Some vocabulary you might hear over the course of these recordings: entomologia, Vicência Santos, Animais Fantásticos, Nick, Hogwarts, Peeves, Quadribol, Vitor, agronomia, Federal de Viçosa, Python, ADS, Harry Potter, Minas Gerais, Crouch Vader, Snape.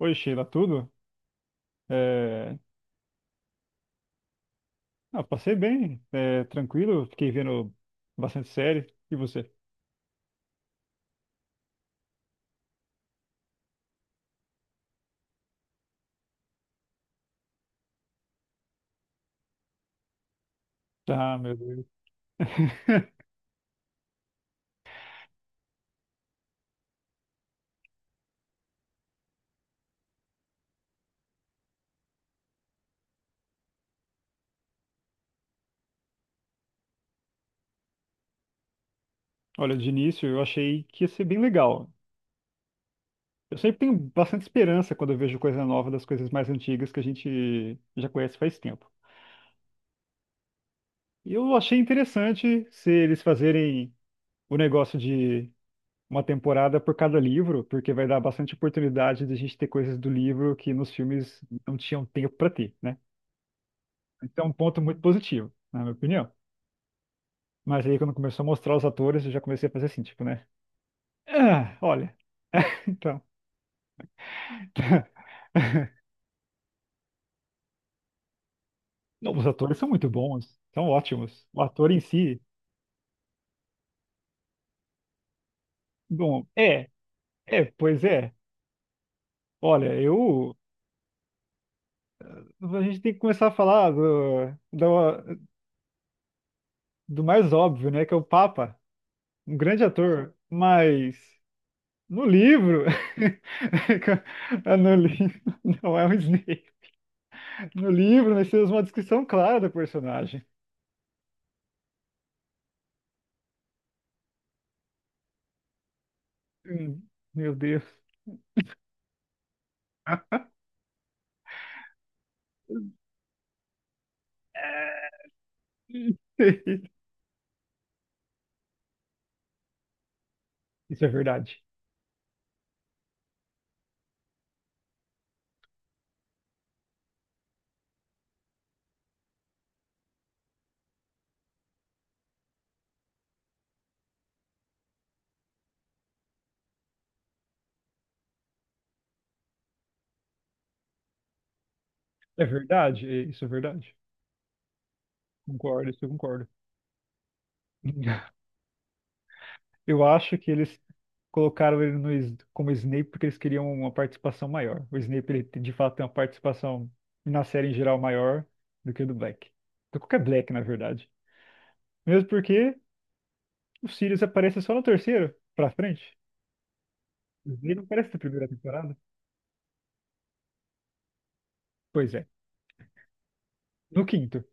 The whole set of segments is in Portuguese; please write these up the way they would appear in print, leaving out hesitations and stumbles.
Oi, Sheila, tudo? É... Ah, passei bem, é, tranquilo, fiquei vendo bastante série. E você? Ah, meu Deus. Olha, de início eu achei que ia ser bem legal. Eu sempre tenho bastante esperança quando eu vejo coisa nova das coisas mais antigas que a gente já conhece faz tempo. E eu achei interessante se eles fazerem o negócio de uma temporada por cada livro, porque vai dar bastante oportunidade de a gente ter coisas do livro que nos filmes não tinham tempo para ter, né? Então, é um ponto muito positivo, na minha opinião. Mas aí quando começou a mostrar os atores, eu já comecei a fazer assim, tipo, né? Ah, olha, então. Não, os atores são muito bons, são ótimos. O ator em si, bom, pois é. Olha, eu. A gente tem que começar a falar do mais óbvio, né? Que é o Papa, um grande ator, mas no livro. Ah, no livro, não é um Snape. No livro, nós temos uma descrição clara do personagem. Hum, Meu Deus. Isso é verdade. É verdade, isso é verdade. Concordo, isso eu concordo. Eu acho que eles colocaram ele no, como Snape porque eles queriam uma participação maior. O Snape, de fato tem uma participação na série em geral maior do que o do Black. Do qualquer Black, na verdade. Mesmo porque o Sirius aparece só no terceiro, pra frente. O Snape não aparece na primeira temporada. Pois é, no quinto.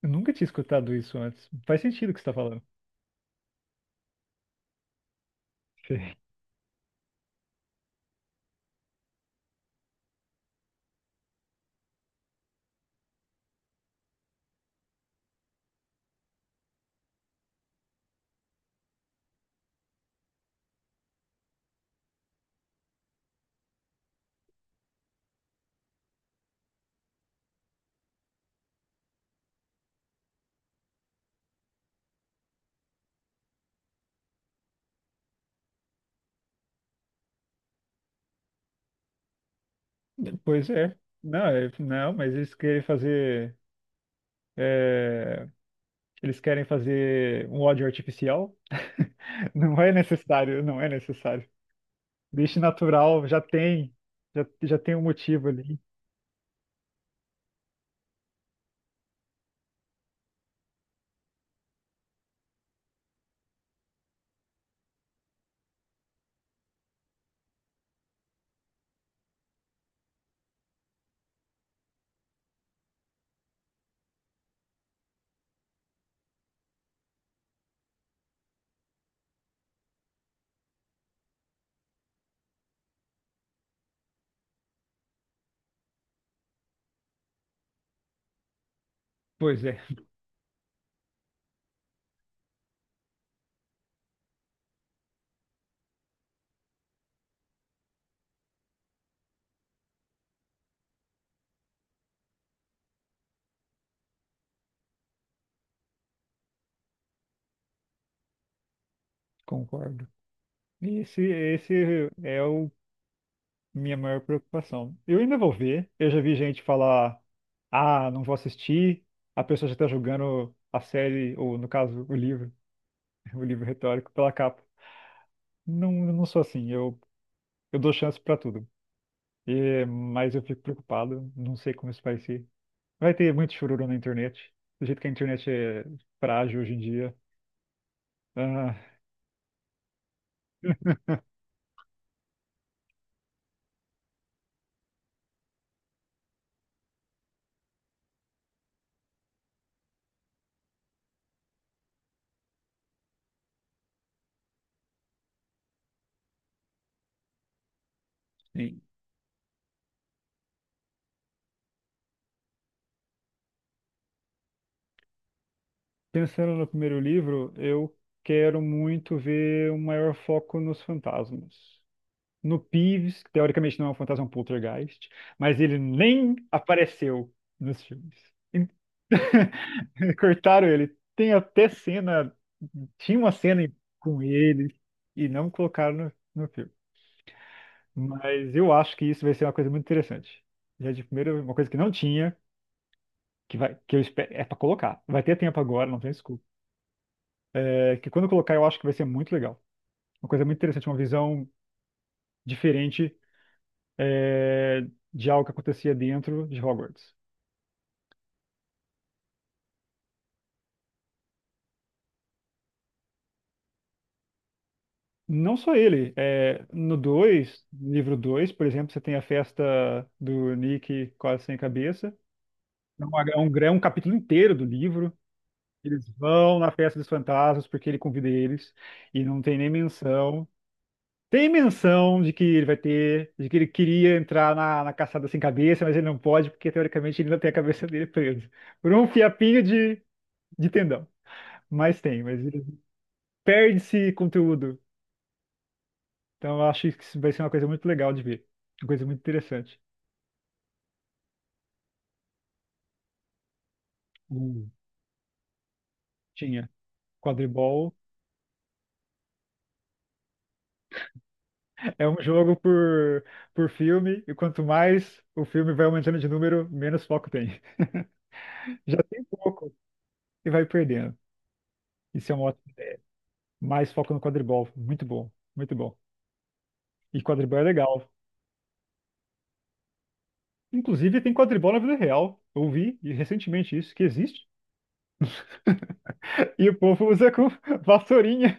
Eu nunca tinha escutado isso antes. Faz sentido o que você tá falando. Pois é. Não, não, mas eles querem fazer. é, Eles querem fazer um ódio artificial. Não é necessário, não é necessário. Deixe natural, já tem, já tem um motivo ali. Pois é, concordo. Esse é o minha maior preocupação. Eu ainda vou ver. Eu já vi gente falar, ah, não vou assistir. A pessoa já está julgando a série, ou no caso, o livro, o livro retórico, pela capa. Não, eu não sou assim. Eu dou chance pra tudo. E, mas eu fico preocupado, não sei como isso vai ser. Vai ter muito chururu na internet, do jeito que a internet é frágil hoje em dia. Ah, sim. Pensando no primeiro livro, eu quero muito ver um maior foco nos fantasmas. No Peeves, que teoricamente não é um fantasma, é um poltergeist, mas ele nem apareceu nos filmes. Cortaram ele. Tem até cena, tinha uma cena com ele e não colocaram no filme. Mas eu acho que isso vai ser uma coisa muito interessante. Já de primeira, uma coisa que não tinha, que vai, que eu espero, é para colocar. Vai ter tempo agora, não tem desculpa. É que quando eu colocar, eu acho que vai ser muito legal. Uma coisa muito interessante, uma visão diferente é, de algo que acontecia dentro de Hogwarts. Não só ele. É, no dois livro 2, por exemplo, você tem a festa do Nick quase sem cabeça. É um capítulo inteiro do livro. Eles vão na festa dos fantasmas porque ele convida eles e não tem nem menção. Tem menção de que ele vai ter, de que ele queria entrar na, na caçada sem cabeça, mas ele não pode, porque teoricamente ele ainda tem a cabeça dele presa. Por um fiapinho de tendão. Mas tem, mas ele perde esse conteúdo. Então eu acho que isso vai ser uma coisa muito legal de ver. Uma coisa muito interessante. Hum. Tinha. Quadribol é um jogo por filme, e quanto mais o filme vai aumentando de número, menos foco tem. Já tem pouco e vai perdendo. Isso é um ótimo. Mais foco no quadribol. Muito bom, muito bom. E quadribol é legal. Inclusive, tem quadribol na vida real. Eu vi e recentemente isso, que existe. E o povo usa com vassourinha.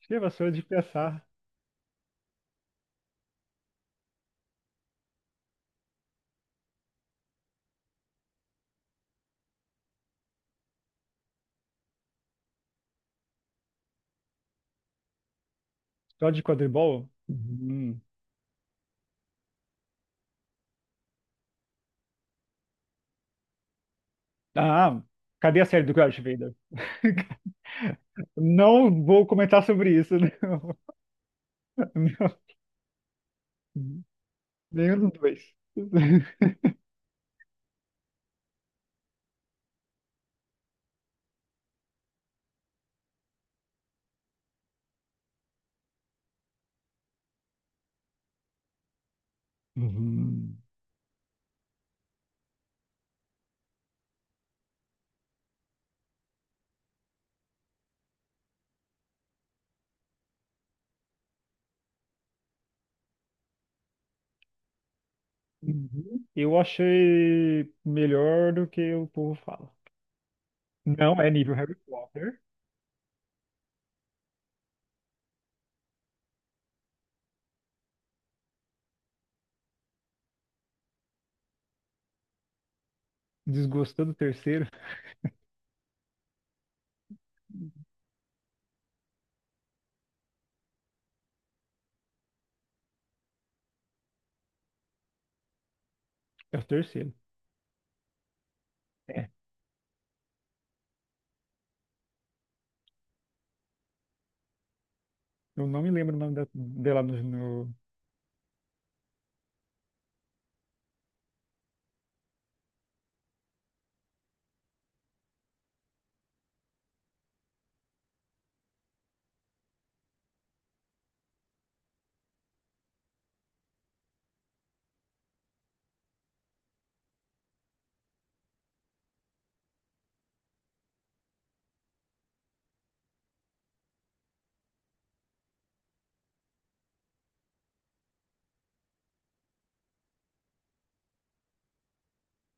Acho que é vassoura de pensar. Só de quadribol? Hum. Ah, cadê a série do Crouch Vader? Não vou comentar sobre isso. Não. Não. Nenhum dos dois. Uhum. Uhum. Eu achei melhor do que o povo fala. Não é nível Harry Potter. Desgostou do terceiro? É o terceiro. É. Eu não me lembro o nome dela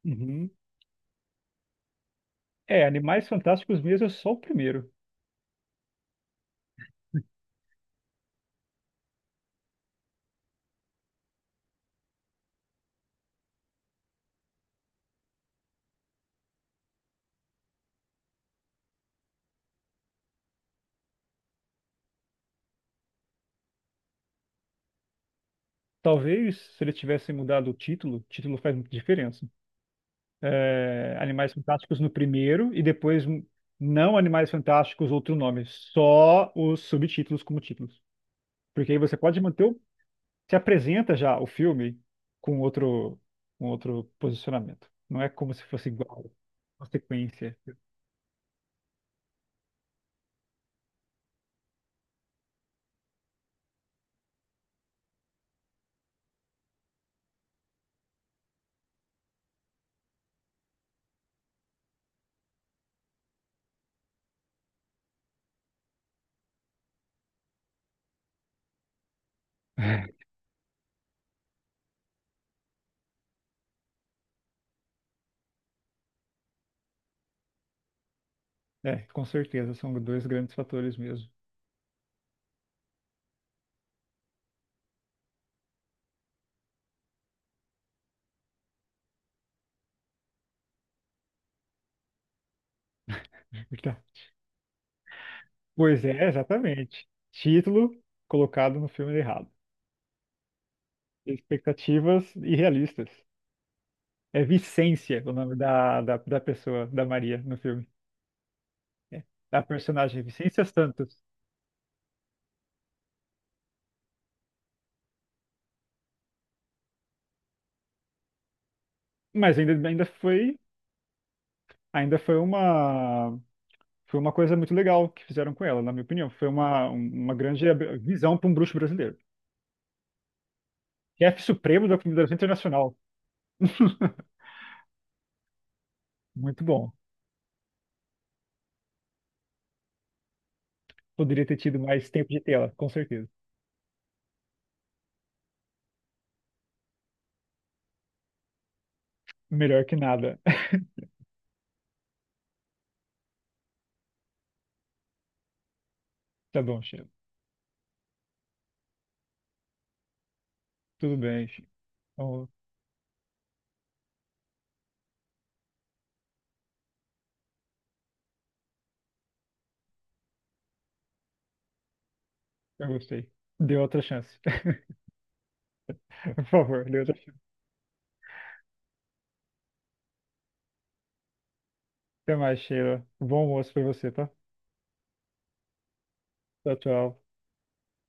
Uhum. É, Animais Fantásticos mesmo é só o primeiro. Talvez se eles tivessem mudado o título faz muita diferença. É, Animais Fantásticos no primeiro e depois não Animais Fantásticos, outro nome, só os subtítulos como títulos. Porque aí você pode manter o, se apresenta já o filme com outro, com outro posicionamento. Não é como se fosse igual, uma sequência. É, com certeza, são dois grandes fatores mesmo. Pois é, exatamente. Título colocado no filme errado. Expectativas irrealistas. É Vicência o nome da pessoa, da Maria, no filme. É. A personagem é Vicência Santos. Mas ainda, ainda foi uma coisa muito legal que fizeram com ela, na minha opinião. Foi uma, um, uma visão para um bruxo brasileiro. Chefe supremo da comunidade internacional. Muito bom. Poderia ter tido mais tempo de tela, com certeza. Melhor que nada. Tá bom, chefe. Tudo bem. Então, eu gostei. Dê outra chance. Por favor, dê outra chance. Até mais, Sheila. Bom almoço pra você, tá? Tchau, tchau.